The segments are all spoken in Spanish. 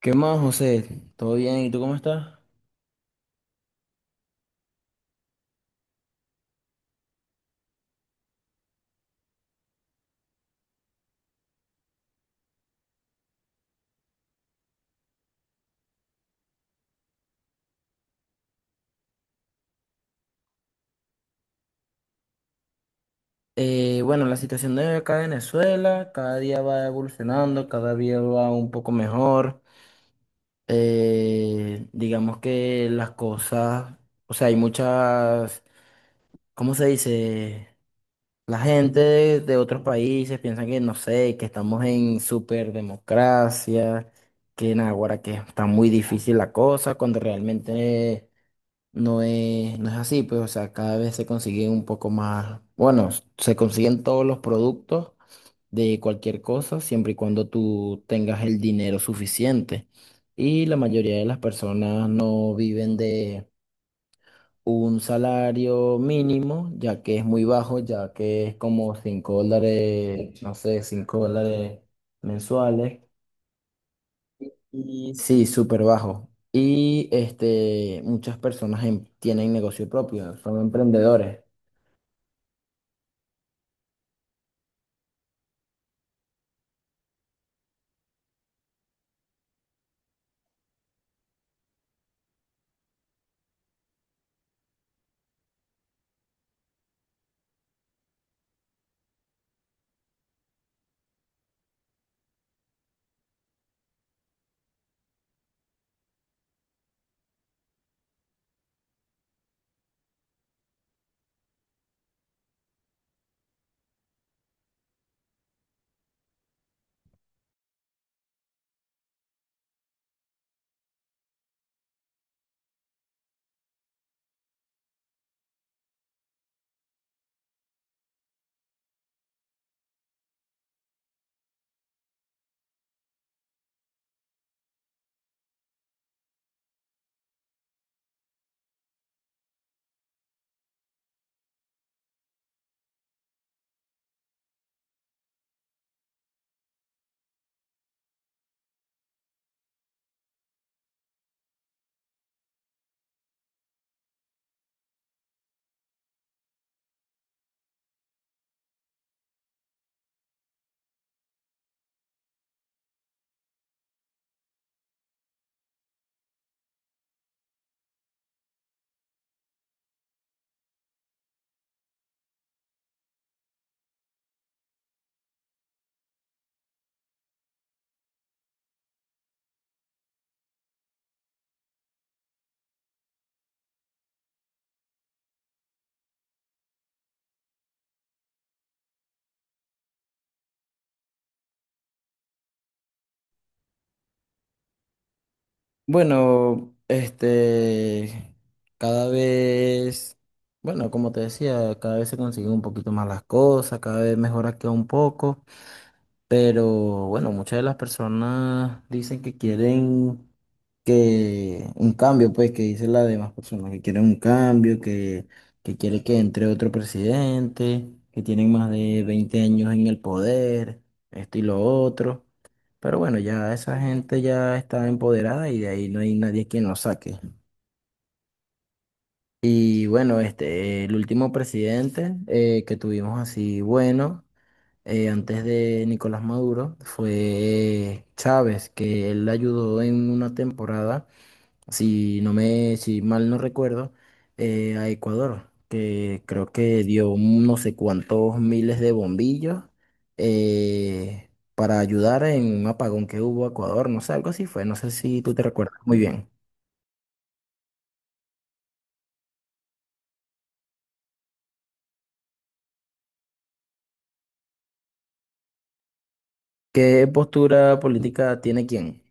¿Qué más, José? ¿Todo bien? ¿Y tú cómo estás? Bueno, la situación de acá en Venezuela cada día va evolucionando, cada día va un poco mejor. Digamos que las cosas, o sea, hay muchas, ¿cómo se dice? La gente de otros países piensa que, no sé, que estamos en superdemocracia, que en ahora que está muy difícil la cosa, cuando realmente no es, no es así, pues, o sea, cada vez se consigue un poco más, bueno, se consiguen todos los productos de cualquier cosa, siempre y cuando tú tengas el dinero suficiente. Y la mayoría de las personas no viven de un salario mínimo, ya que es muy bajo, ya que es como $5, no sé, $5 mensuales. Y sí, súper bajo. Y este, muchas personas tienen negocio propio, son emprendedores. Bueno, este, cada vez, bueno, como te decía, cada vez se consiguen un poquito más las cosas, cada vez mejora queda un poco, pero bueno, muchas de las personas dicen que quieren que un cambio, pues, que dicen las demás personas, que quieren un cambio, que quiere que entre otro presidente, que tienen más de 20 años en el poder, esto y lo otro. Pero bueno, ya esa gente ya está empoderada y de ahí no hay nadie quien lo saque. Y bueno, este, el último presidente que tuvimos así, bueno, antes de Nicolás Maduro, fue Chávez, que él ayudó en una temporada si mal no recuerdo, a Ecuador, que creo que dio no sé cuántos miles de bombillos eh, para ayudar en un apagón que hubo a Ecuador, no sé, algo así fue, no sé si tú te recuerdas muy bien. ¿Qué postura política tiene quién?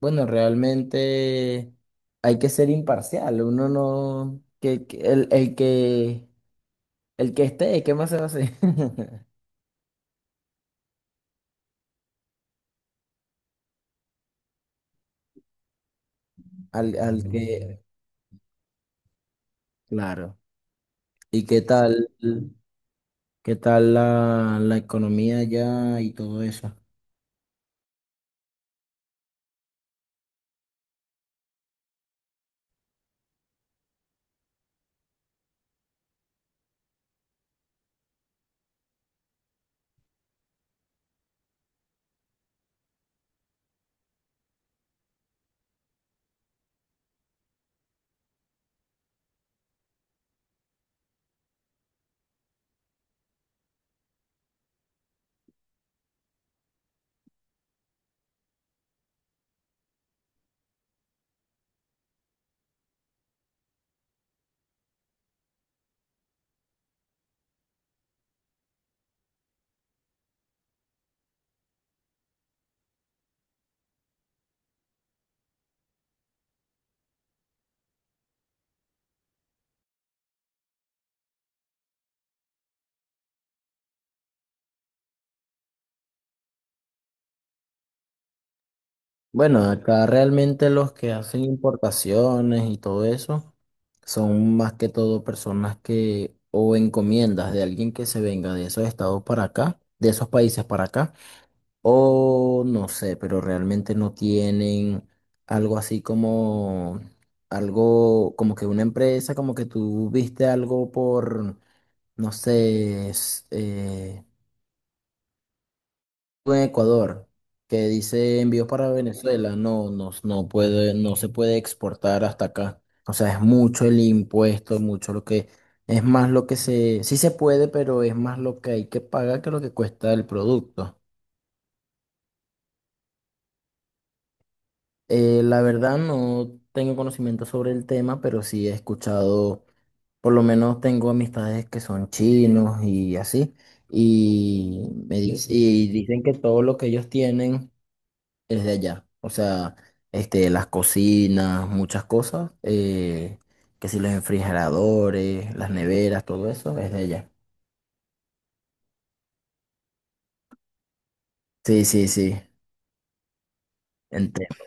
Bueno, realmente hay que ser imparcial, uno no, que el que esté, ¿qué más se va a hacer? Al Mm. Claro. ¿Y qué tal? ¿Qué tal la economía allá y todo eso? Bueno, acá realmente los que hacen importaciones y todo eso son más que todo personas que o encomiendas de alguien que se venga de esos estados para acá, de esos países para acá, o no sé, pero realmente no tienen algo así como algo como que una empresa, como que tú viste algo por, no sé, en Ecuador que dice envíos para Venezuela, no, no, no se puede exportar hasta acá. O sea, es mucho el impuesto, mucho lo que, es más lo que se, sí se puede, pero es más lo que hay que pagar que lo que cuesta el producto. La verdad no tengo conocimiento sobre el tema, pero sí he escuchado, por lo menos tengo amistades que son chinos y así, y dicen que todo lo que ellos tienen es de allá. O sea, este, las cocinas, muchas cosas, que si los refrigeradores, las neveras, todo eso es de allá. Sí, sí, sí, entiendo.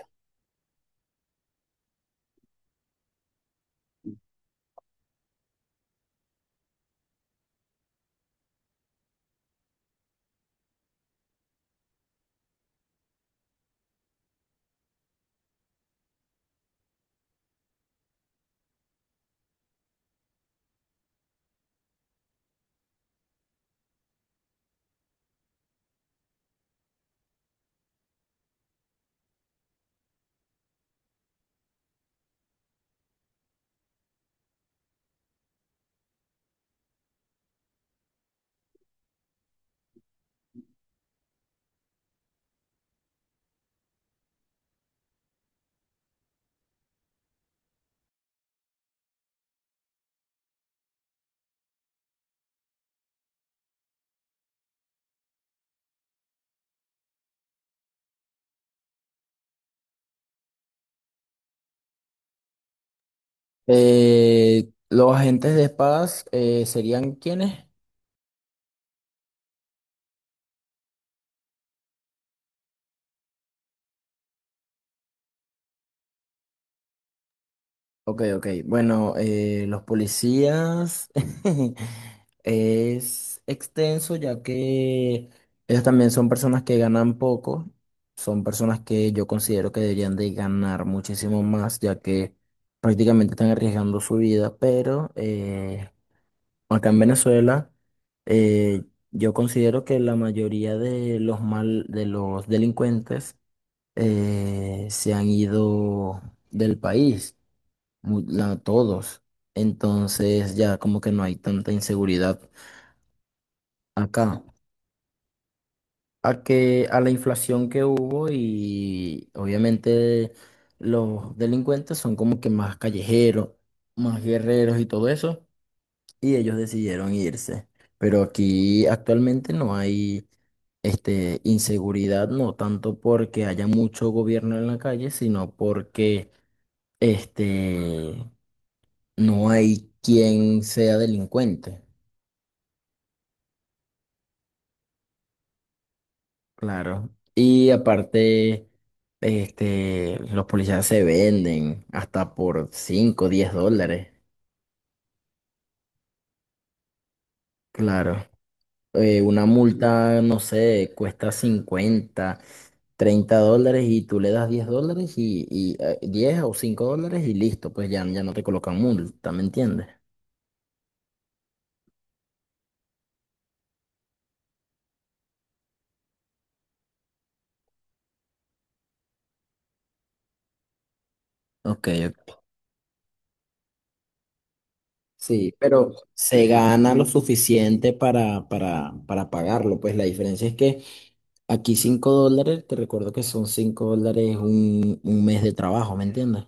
Los agentes de espadas serían ¿quiénes? Ok, ok. Bueno, los policías es extenso ya que ellos también son personas que ganan poco, son personas que yo considero que deberían de ganar muchísimo más ya que prácticamente están arriesgando su vida, pero acá en Venezuela eh, yo considero que la mayoría de de los delincuentes se han ido del país todos. Entonces ya como que no hay tanta inseguridad acá. A que a la inflación que hubo y obviamente los delincuentes son como que más callejeros, más guerreros y todo eso, y ellos decidieron irse. Pero aquí actualmente no hay este, inseguridad, no tanto porque haya mucho gobierno en la calle, sino porque este, no hay quien sea delincuente. Claro. Y aparte, este, los policías se venden hasta por $5, $10. Claro. Una multa, no sé, cuesta 50, $30 y tú le das $10 y 10 o $5 y listo, pues ya, ya no te colocan multa, ¿me entiendes? Ok, sí, pero se gana lo suficiente para pagarlo. Pues la diferencia es que aquí $5, te recuerdo que son $5 un mes de trabajo, ¿me entiendes?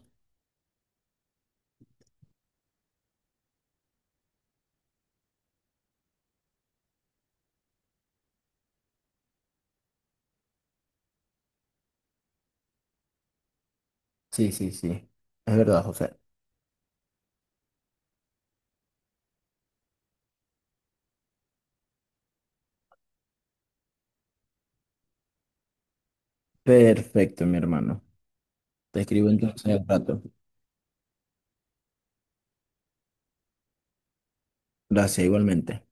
Sí, sí, sí. Es verdad, José. Perfecto, mi hermano. Te escribo entonces al rato. Gracias, igualmente.